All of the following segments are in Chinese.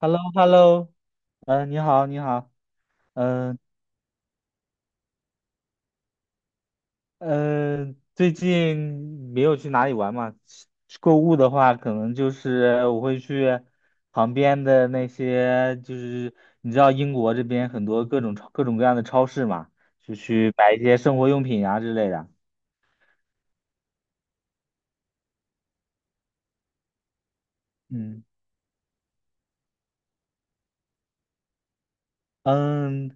h e l l o hello 你好，你好，嗯、呃最近没有去哪里玩嘛？去购物的话，可能就是我会去旁边的那些，就是你知道英国这边很多各种各种各样的超市嘛，就去买一些生活用品啊之类的。嗯嗯，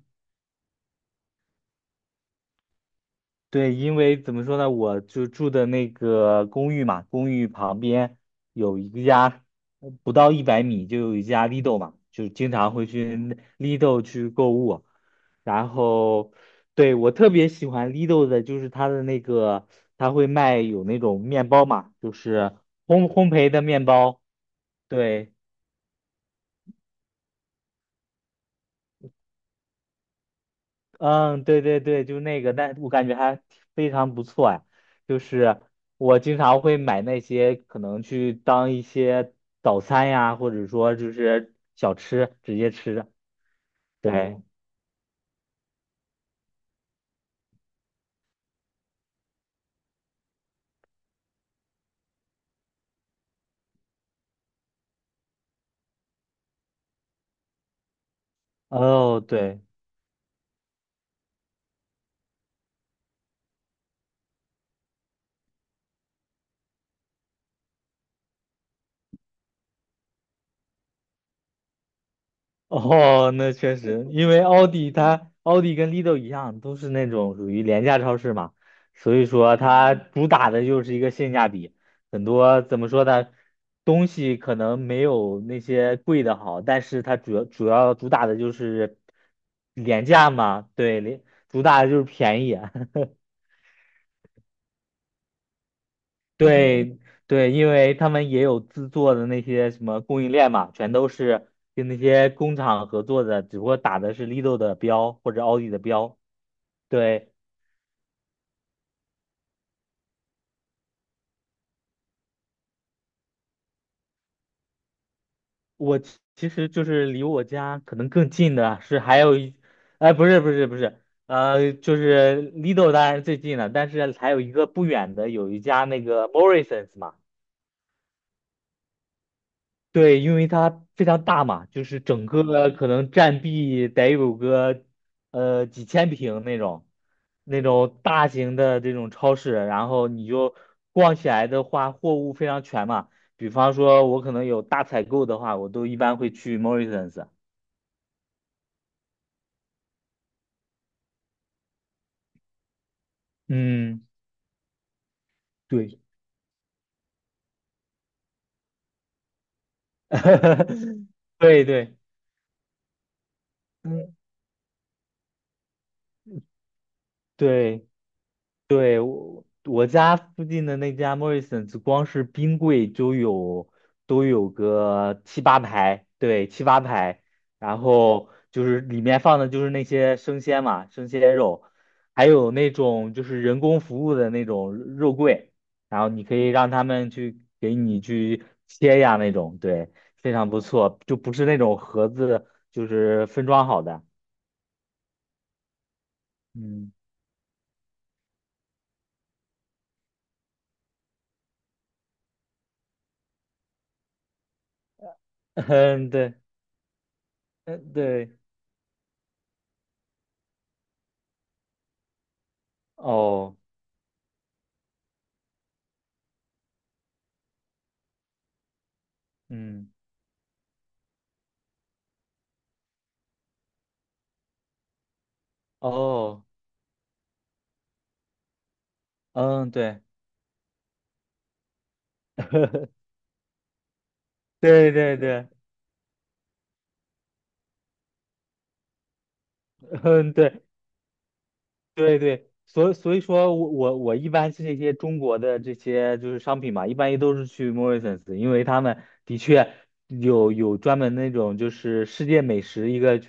对，因为怎么说呢，我就住的那个公寓嘛，公寓旁边有一家，不到100米就有一家 Lidl 嘛，就经常会去 Lidl 去购物。然后，对，我特别喜欢 Lidl 的，就是它的那个，他会卖有那种面包嘛，就是烘焙的面包，对。嗯，对对对，就那个，但我感觉还非常不错呀。就是我经常会买那些，可能去当一些早餐呀，或者说就是小吃直接吃。对，哦，对。哦，那确实，因为奥迪跟 Lidl 一样，都是那种属于廉价超市嘛，所以说它主打的就是一个性价比，很多怎么说呢，东西可能没有那些贵的好，但是它主要主打的就是廉价嘛，对，主打的就是便宜。对对，因为他们也有自做的那些什么供应链嘛，全都是跟那些工厂合作的，只不过打的是 Lido 的标或者奥迪的标。对，我其实就是离我家可能更近的是还有一，哎，不是不是不是，就是 Lido 当然是最近了，但是还有一个不远的有一家那个 Morrisons 嘛。对，因为它非常大嘛，就是整个可能占地得有个几千平那种，那种大型的这种超市，然后你就逛起来的话，货物非常全嘛。比方说，我可能有大采购的话，我都一般会去 Morrisons。嗯，对，对对，嗯，对。我家附近的那家 Morrisons，光是冰柜都有个七八排，对，七八排。然后就是里面放的就是那些生鲜嘛，生鲜肉，还有那种就是人工服务的那种肉柜，然后你可以让他们去给你去切呀那种，对，非常不错，就不是那种盒子，就是分装好的。嗯 嗯，对，嗯对，哦，嗯哦。嗯，对，对对对，嗯，对对对，所以说我一般是这些中国的这些就是商品嘛，一般都是去 Morrisons，因为他们的确有专门那种就是世界美食一个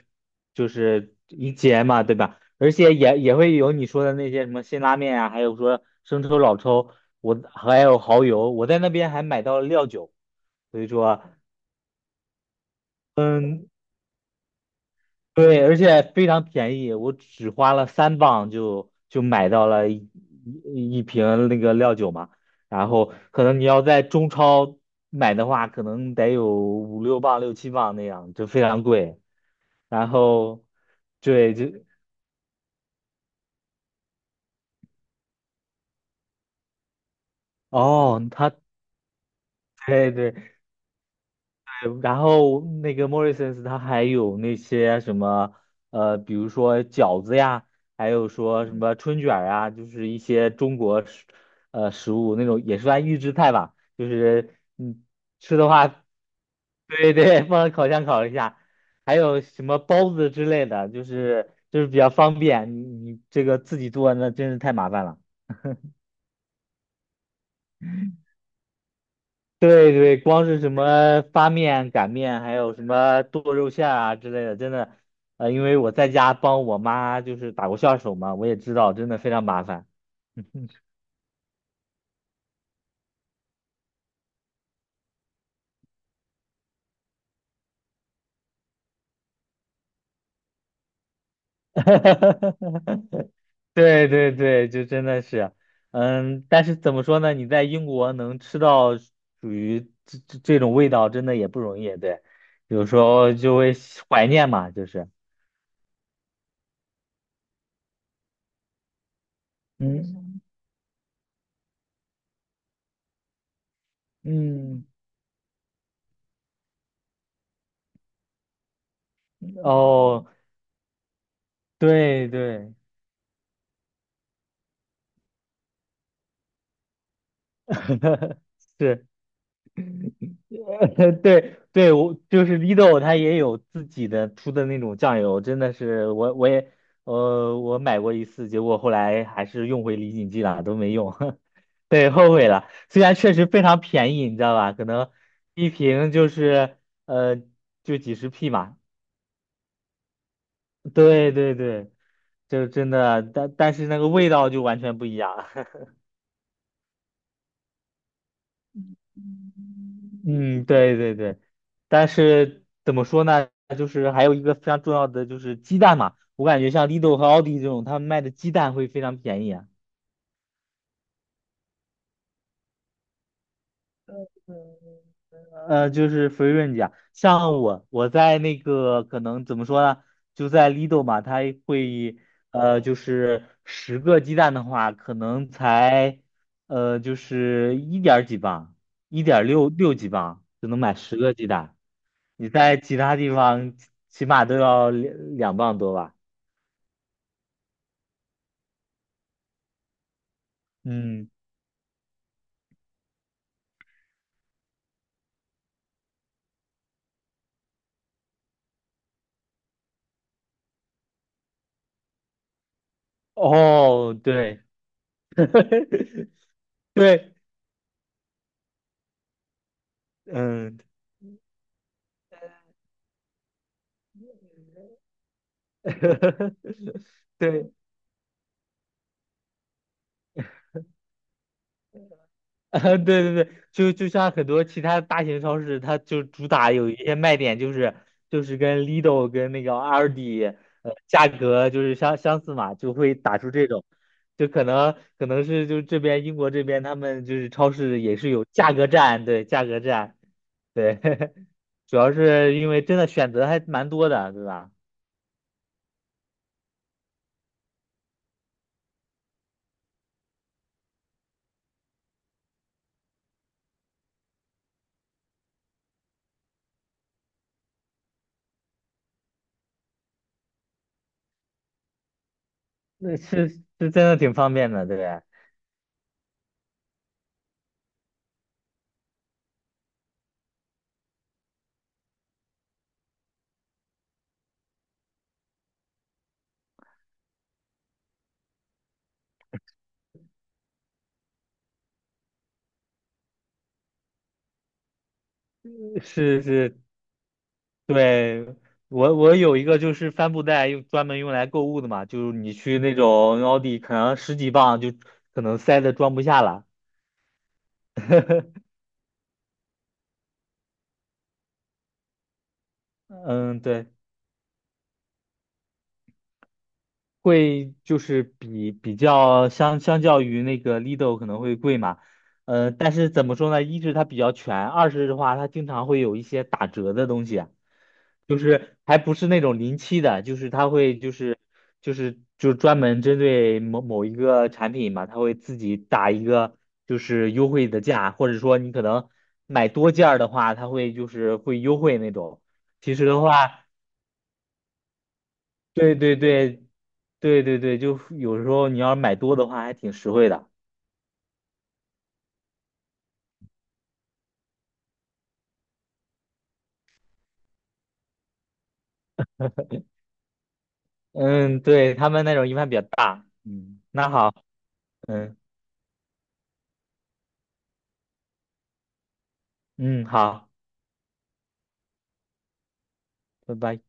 就是一节嘛，对吧？而且也会有你说的那些什么辛拉面啊，还有说生抽、老抽，我还有蚝油，我在那边还买到了料酒，所以说。嗯。对，而且非常便宜，我只花了3磅就买到了一瓶那个料酒嘛。然后可能你要在中超买的话，可能得有五六磅、六七磅那样，就非常贵。然后，对，就哦，他对对，然后那个 Morrisons 它还有那些什么，比如说饺子呀，还有说什么春卷儿啊，就是一些中国食物那种也算预制菜吧，就是吃的话，对对，放烤箱烤一下，还有什么包子之类的，就是比较方便，你这个自己做那真是太麻烦了。对对，光是什么发面、擀面，还有什么剁肉馅儿啊之类的，真的，因为我在家帮我妈就是打过下手嘛，我也知道，真的非常麻烦。对对对，就真的是，嗯，但是怎么说呢？你在英国能吃到属于这种味道，真的也不容易。对，有时候就会怀念嘛，就是，嗯嗯，哦，对对。是，对对，我就是 Lido，它也有自己的出的那种酱油，真的是我买过一次，结果后来还是用回李锦记了，都没用，对，后悔了。虽然确实非常便宜，你知道吧？可能一瓶就是呃就几十 P 嘛，对对对，就真的，但是那个味道就完全不一样。嗯，对对对，但是怎么说呢？就是还有一个非常重要的就是鸡蛋嘛，我感觉像 Lidl 和奥迪这种，他们卖的鸡蛋会非常便宜啊。就是福润家，我在那个可能怎么说呢？就在 Lidl 嘛，它会就是十个鸡蛋的话，可能才就是一点儿几磅，一点六六几磅就能买十个鸡蛋。你在其他地方起码都要2磅多吧？嗯，哦，对，对，嗯，对，啊，对对对，就像很多其他大型超市，它就主打有一些卖点，就是跟 Lidl 跟那个 Aldi，价格就是相似嘛，就会打出这种，就可能是就这边英国这边他们就是超市也是有价格战，对价格战，对，主要是因为真的选择还蛮多的，对吧？那是真的挺方便的，对，是是对，我有一个就是帆布袋，用专门用来购物的嘛，就是你去那种奥迪，可能十几磅就可能塞的装不下了。嗯，对。会就是比较相较于那个 Lido 可能会贵嘛，但是怎么说呢？一是它比较全，二是的话它经常会有一些打折的东西啊就是还不是那种临期的，就是它会就专门针对某某一个产品嘛，它会自己打一个就是优惠的价，或者说你可能买多件儿的话，它会就是会优惠那种。其实的话。对对对对对对，就有时候你要是买多的话，还挺实惠的。嗯，对，他们那种一般比较大。嗯，那好，嗯嗯，好，拜拜。